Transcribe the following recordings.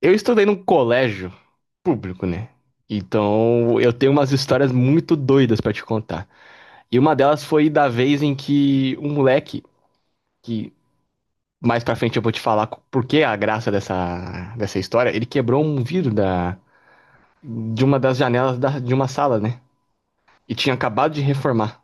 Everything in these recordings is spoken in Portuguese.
Eu estudei num colégio público, né? Então eu tenho umas histórias muito doidas pra te contar. E uma delas foi da vez em que um moleque, que mais pra frente eu vou te falar por que a graça dessa história, ele quebrou um vidro de uma das janelas de uma sala, né? E tinha acabado de reformar.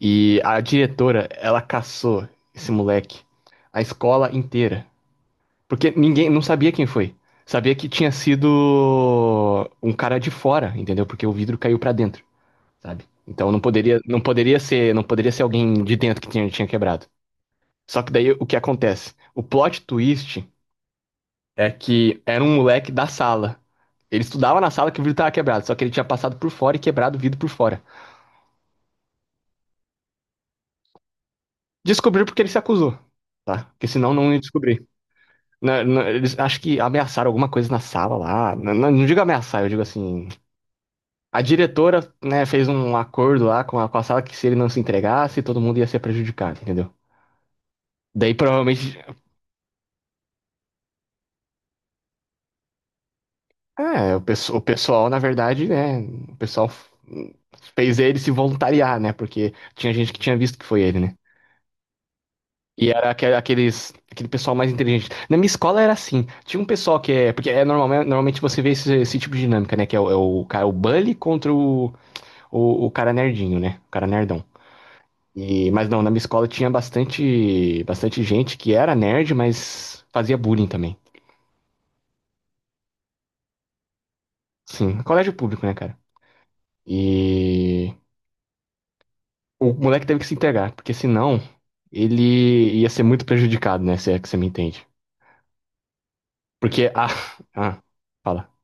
E a diretora, ela caçou esse moleque, a escola inteira. Porque ninguém não sabia quem foi. Sabia que tinha sido um cara de fora, entendeu? Porque o vidro caiu pra dentro, sabe? Então não poderia ser alguém de dentro que tinha quebrado. Só que daí o que acontece? O plot twist é que era um moleque da sala. Ele estudava na sala que o vidro tava quebrado, só que ele tinha passado por fora e quebrado o vidro por fora. Descobriu porque ele se acusou, tá? Porque senão não ia descobrir. Eles acho que ameaçaram alguma coisa na sala lá. Não, não digo ameaçar, eu digo assim. A diretora, né, fez um acordo lá com a sala que se ele não se entregasse, todo mundo ia ser prejudicado, entendeu? Daí provavelmente, é, o pessoal, na verdade, né, o pessoal fez ele se voluntariar, né, porque tinha gente que tinha visto que foi ele, né? E era aquele pessoal mais inteligente. Na minha escola era assim, tinha um pessoal que é, porque é normal, normalmente você vê esse tipo de dinâmica, né, que é o cara, o bully contra o cara nerdinho, né, o cara nerdão. E, mas não, na minha escola tinha bastante, bastante gente que era nerd, mas fazia bullying também. Sim, colégio público, né, cara? E o moleque teve que se entregar, porque senão ele ia ser muito prejudicado, né? Se é que você me entende. Porque a. Ah, fala.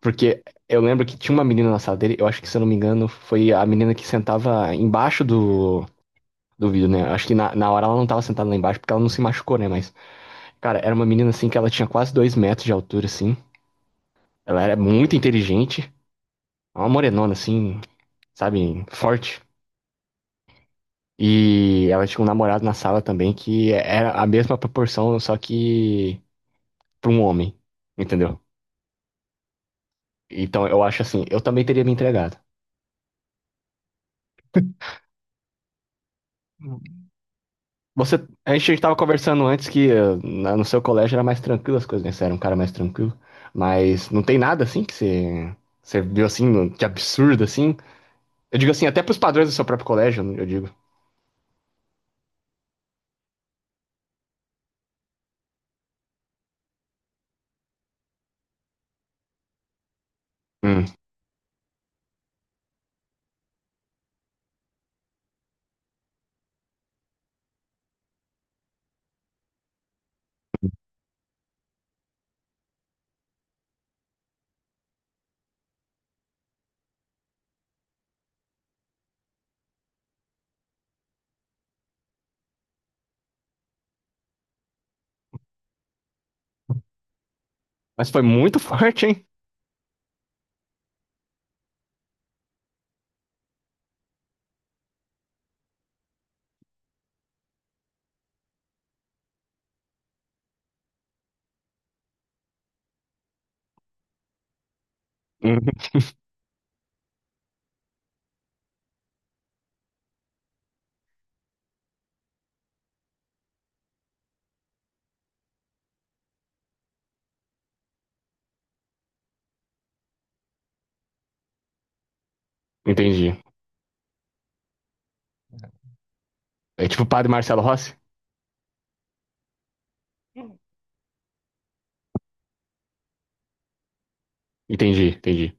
Porque eu lembro que tinha uma menina na sala dele, eu acho que, se eu não me engano, foi a menina que sentava embaixo do. Do vidro, né? Acho que na hora ela não tava sentada lá embaixo porque ela não se machucou, né? Mas, cara, era uma menina assim que ela tinha quase 2 metros de altura, assim. Ela era muito inteligente, uma morenona assim, sabe, forte. E ela tinha um namorado na sala também que era a mesma proporção, só que para um homem, entendeu? Então eu acho assim, eu também teria me entregado. Você, a gente estava conversando antes que no seu colégio era mais tranquilo as coisas, né? Você era um cara mais tranquilo. Mas não tem nada assim que você viu assim, de absurdo assim. Eu digo assim, até pros padrões do seu próprio colégio, eu digo. Hum. Mas foi muito forte, hein? Uhum. Entendi. É tipo o Padre Marcelo Rossi? Entendi, entendi.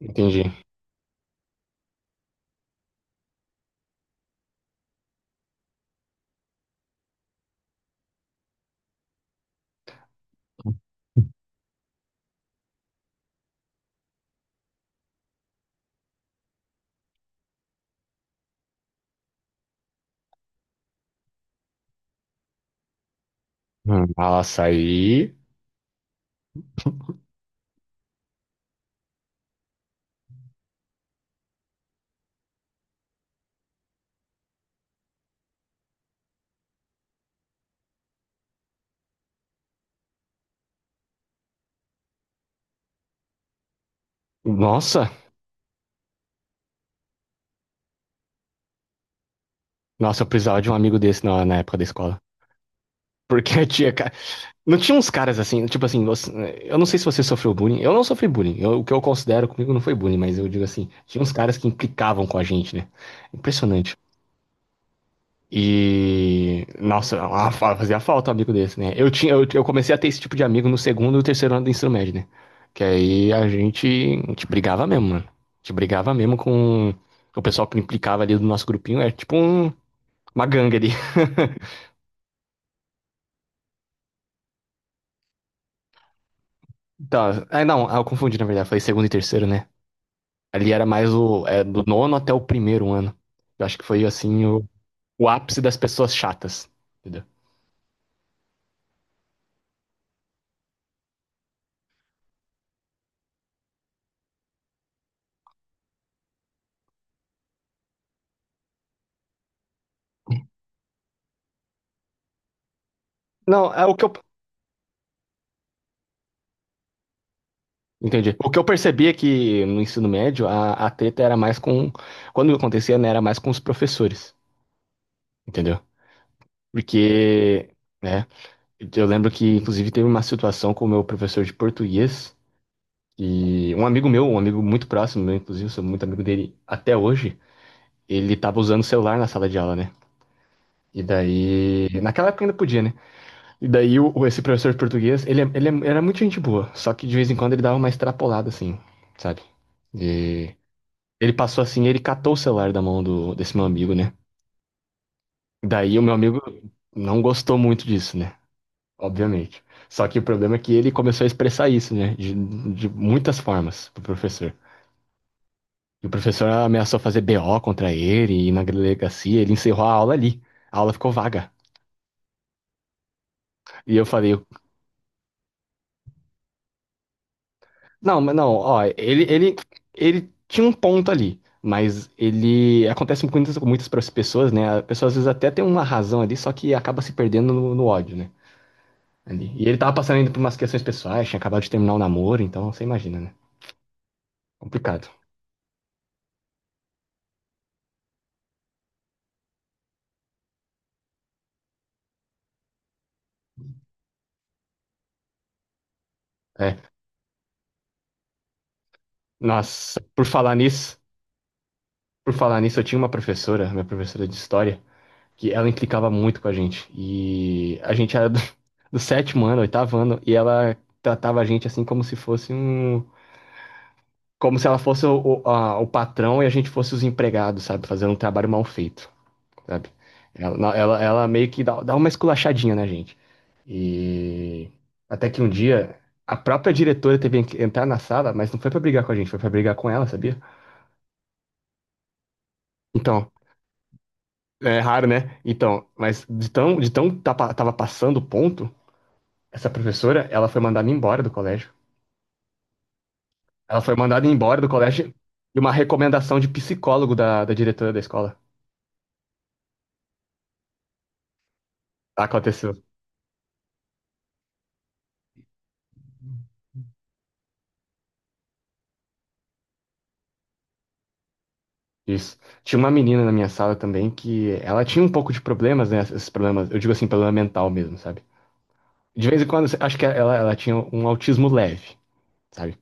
Entendi. Nossa, aí. Nossa! Nossa, eu precisava de um amigo desse na época da escola. Porque tinha. Não tinha uns caras assim, tipo assim, eu não sei se você sofreu bullying. Eu não sofri bullying. O que eu considero comigo não foi bullying, mas eu digo assim, tinha uns caras que implicavam com a gente, né? Impressionante. E, nossa, fazia falta um amigo desse, né? Eu comecei a ter esse tipo de amigo no segundo e terceiro ano do ensino médio, né? Que aí a gente brigava mesmo, mano. A gente brigava mesmo com o pessoal que implicava ali do nosso grupinho. É tipo uma gangue ali. Tá, ah, não, ah, eu confundi, na verdade. Falei segundo e terceiro, né? Ali era mais o, é, do nono até o primeiro ano. Eu acho que foi, assim, o ápice das pessoas chatas, entendeu? Não, é o que eu Entendi. O que eu percebi é que no ensino médio a treta era mais com. Quando acontecia, né, era mais com os professores, entendeu? Porque, né, eu lembro que inclusive teve uma situação com o meu professor de português e um amigo meu, um amigo muito próximo meu, inclusive, eu sou muito amigo dele até hoje, ele tava usando o celular na sala de aula, né? E daí, naquela época ainda podia, né? E daí o, esse professor de português, ele era muito gente boa, só que de vez em quando ele dava uma extrapolada assim, sabe? E ele passou assim, ele catou o celular da mão desse meu amigo, né? Daí o meu amigo não gostou muito disso, né? Obviamente. Só que o problema é que ele começou a expressar isso, né? De muitas formas pro professor. E o professor ameaçou fazer BO contra ele e na delegacia ele encerrou a aula ali. A aula ficou vaga. E eu falei, não, mas não, ó, ele tinha um ponto ali. Mas ele acontece com muitas pessoas, né? A pessoa às vezes até tem uma razão ali, só que acaba se perdendo no ódio, né, ali. E ele tava passando ainda por umas questões pessoais, tinha acabado de terminar o namoro, então você imagina, né? Complicado. É. Nossa, por falar nisso, eu tinha uma professora, minha professora de história, que ela implicava muito com a gente. E a gente era do, do sétimo ano, oitavo ano, e ela tratava a gente assim como se fosse um. Como se ela fosse o, o patrão e a gente fosse os empregados, sabe? Fazendo um trabalho mal feito, sabe? Ela meio que dá, dá uma esculachadinha na gente. E até que um dia a própria diretora teve que entrar na sala, mas não foi pra brigar com a gente, foi pra brigar com ela, sabia? Então, é raro, né? Então, mas de tão tava passando o ponto, essa professora, ela foi mandada embora do colégio. Ela foi mandada embora do colégio e uma recomendação de psicólogo da diretora da escola. Aconteceu. Isso. Tinha uma menina na minha sala também que ela tinha um pouco de problemas, né? Esses problemas, eu digo assim, problema mental mesmo, sabe? De vez em quando, acho que ela tinha um autismo leve, sabe?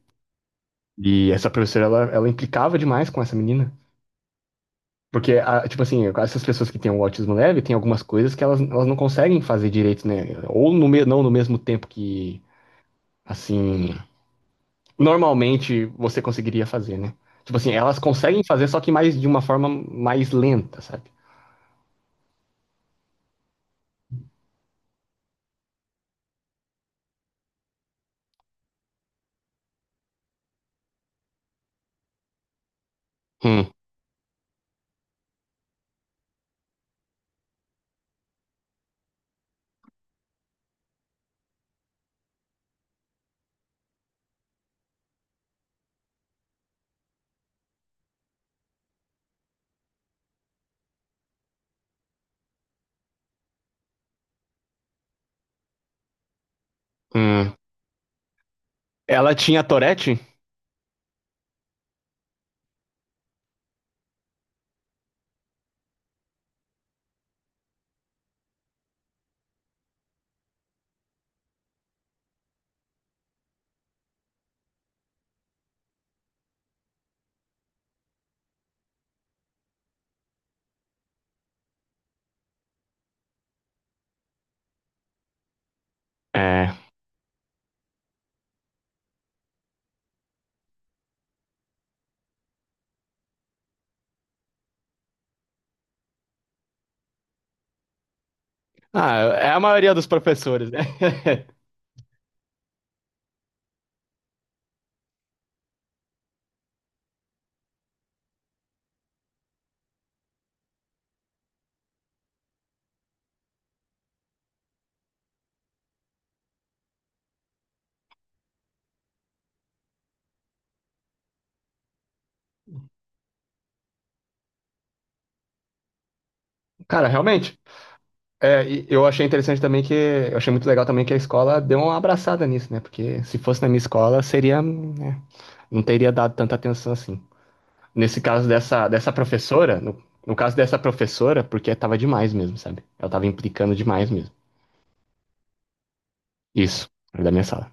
E essa professora, ela implicava demais com essa menina. Porque, tipo assim, essas pessoas que têm o autismo leve, tem algumas coisas que elas não conseguem fazer direito, né? Ou não no mesmo tempo que, assim, normalmente você conseguiria fazer, né? Tipo assim, elas conseguem fazer, só que mais de uma forma mais lenta, sabe? Hum, hum. Ela tinha Tourette? É. Ah, é a maioria dos professores, né? Cara, realmente. É, e eu achei interessante também que. Eu achei muito legal também que a escola deu uma abraçada nisso, né? Porque se fosse na minha escola, seria, né? Não teria dado tanta atenção assim. Nesse caso dessa professora, no caso dessa professora, porque tava demais mesmo, sabe? Ela tava implicando demais mesmo. Isso, da minha sala.